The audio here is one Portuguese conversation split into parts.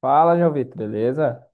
Fala, João Vitor, beleza?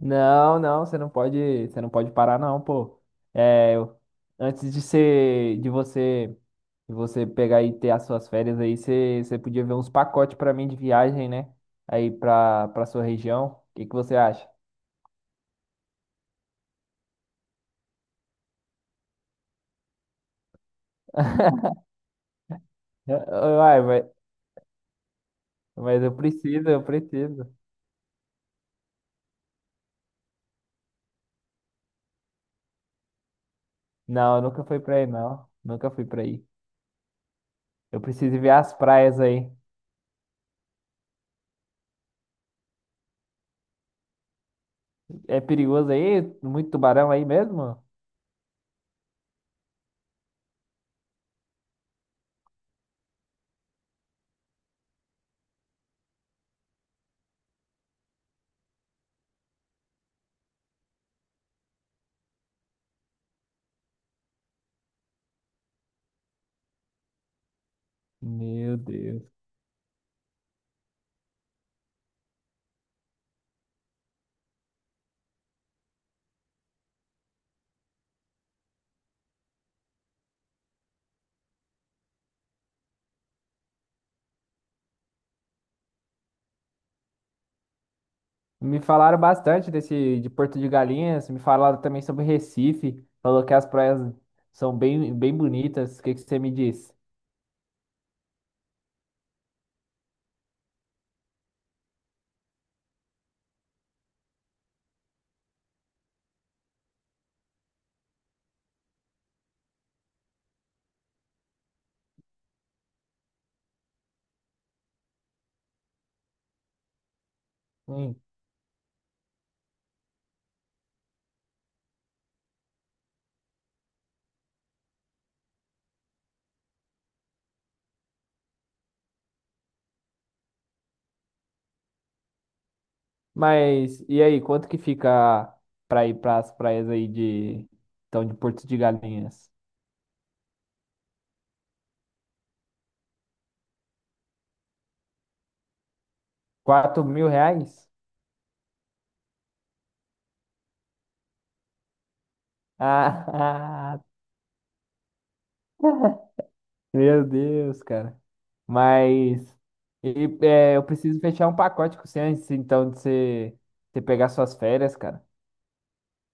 Não, não, você não pode parar não, pô. É, eu- antes de ser, de você pegar e ter as suas férias aí, você podia ver uns pacotes pra mim de viagem, né? Aí pra sua região. O que que você acha? Uai, mas eu preciso, eu preciso. Não, eu nunca fui pra aí, não. Nunca fui pra aí. Eu preciso ver as praias aí. É perigoso aí? Muito tubarão aí mesmo? Meu Deus. Me falaram bastante desse de Porto de Galinhas, me falaram também sobre Recife, falou que as praias são bem, bem bonitas. O que que você me diz? Hum. Mas e aí, quanto que fica para ir para as praias aí de então de Porto de Galinhas? R$ 4.000? Ah, meu Deus, cara. Mas eu preciso fechar um pacote com você antes então de você, você pegar suas férias, cara.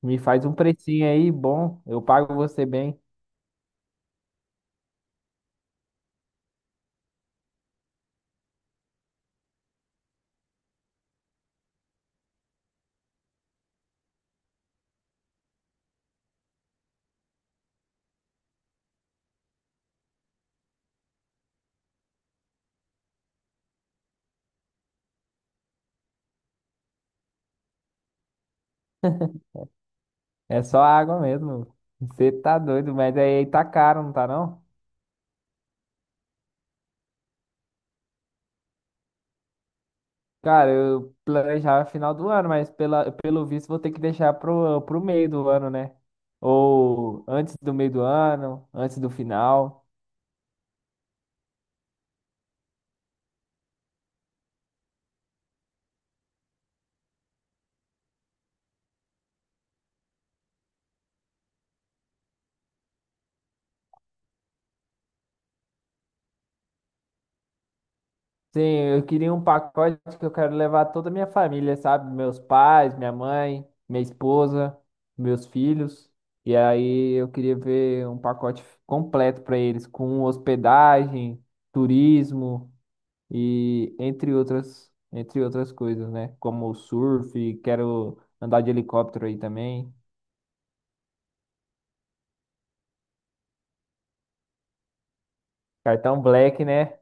Me faz um precinho aí bom, eu pago você bem. É só água mesmo. Você tá doido, mas aí tá caro, não tá não? Cara, eu planejava final do ano, mas pelo visto vou ter que deixar pro meio do ano, né? Ou antes do meio do ano, antes do final. Sim, eu queria um pacote que eu quero levar toda a minha família, sabe? Meus pais, minha mãe, minha esposa, meus filhos. E aí eu queria ver um pacote completo para eles, com hospedagem, turismo e entre outras coisas, né? Como o surf, quero andar de helicóptero aí também. Cartão Black, né?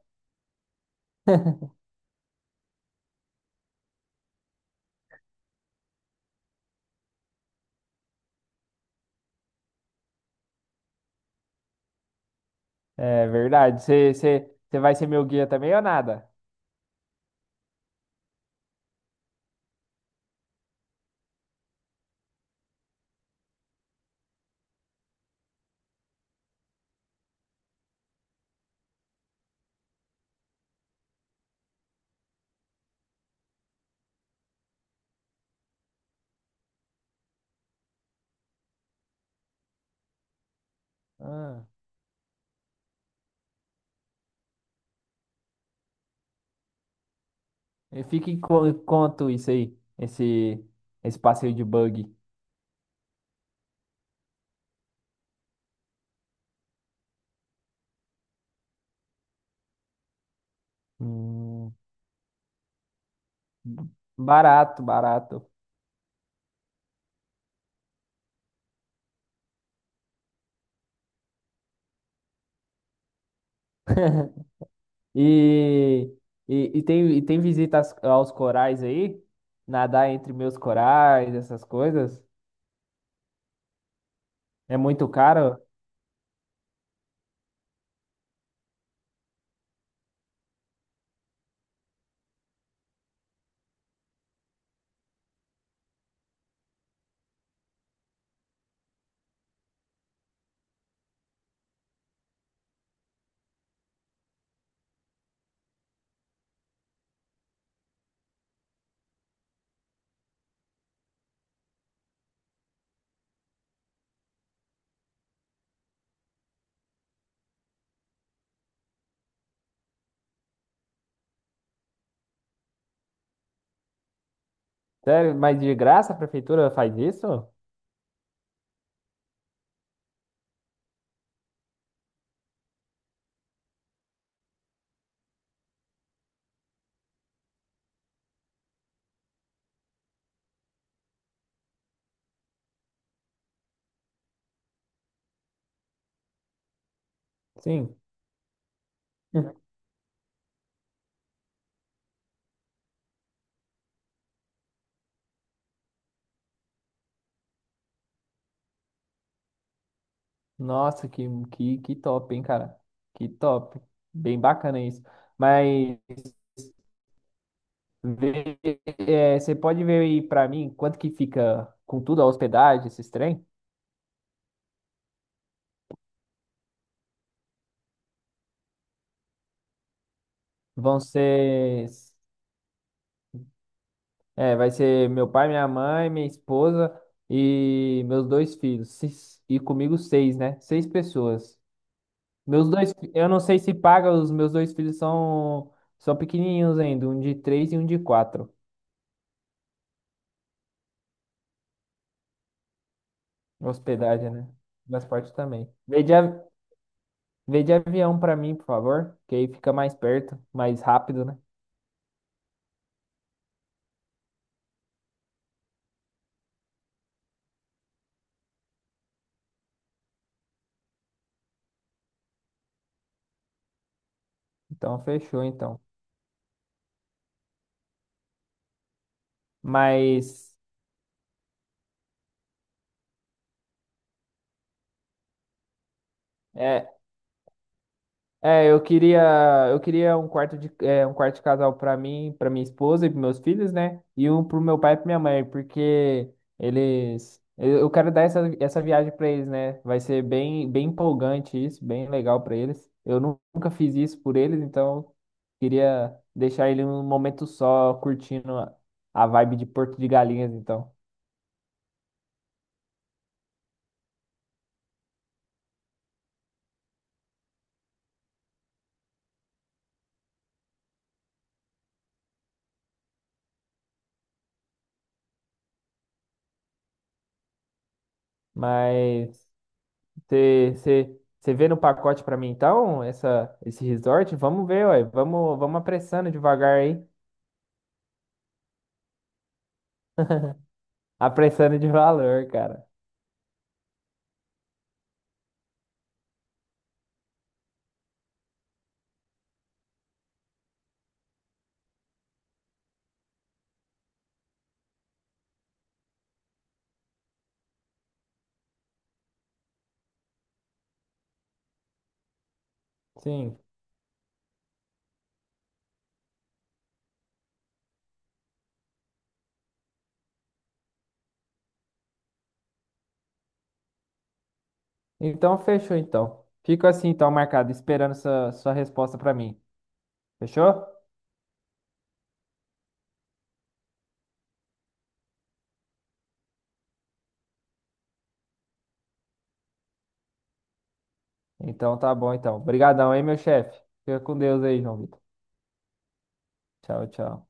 É verdade. Você vai ser meu guia também ou nada? Ah. E fica em quanto isso aí? Esse passeio de buggy. Hum, barato, barato. E, e tem, e tem visitas aos corais aí? Nadar entre meus corais, essas coisas? É muito caro? Sério? Mas de graça a prefeitura faz isso? Sim. Hum. Nossa, que top, hein, cara? Que top. Bem bacana isso. Mas. Vê, é, você pode ver aí pra mim quanto que fica com tudo a hospedagem, esses trem? Vão ser, vai ser meu pai, minha mãe, minha esposa e meus dois filhos. E comigo seis, né? Seis pessoas. Meus dois, eu não sei se paga, os meus dois filhos são pequenininhos ainda, um de 3 e um de 4. Hospedagem, né? Transporte também. Vê de avião pra mim, por favor, que aí fica mais perto, mais rápido, né? Então fechou, então. Mas é, é, eu queria, eu queria um quarto de, um quarto de casal pra mim, pra minha esposa e pros meus filhos, né? E um pro meu pai e pra minha mãe, porque eles, eu quero dar essa, essa viagem pra eles, né? Vai ser bem, bem empolgante isso, bem legal pra eles. Eu nunca fiz isso por eles, então queria deixar ele um momento só curtindo a vibe de Porto de Galinhas, então. Mas você vê no pacote pra mim, então, essa, esse resort? Vamos ver, ué. Vamos, vamos apressando devagar aí. Apressando de valor, cara. Sim. Então, fechou, então. Fico assim, então, marcado, esperando sua, sua resposta pra mim. Fechou? Então tá bom, então. Obrigadão, hein, meu chefe? Fica com Deus aí, João Vitor. Tchau, tchau.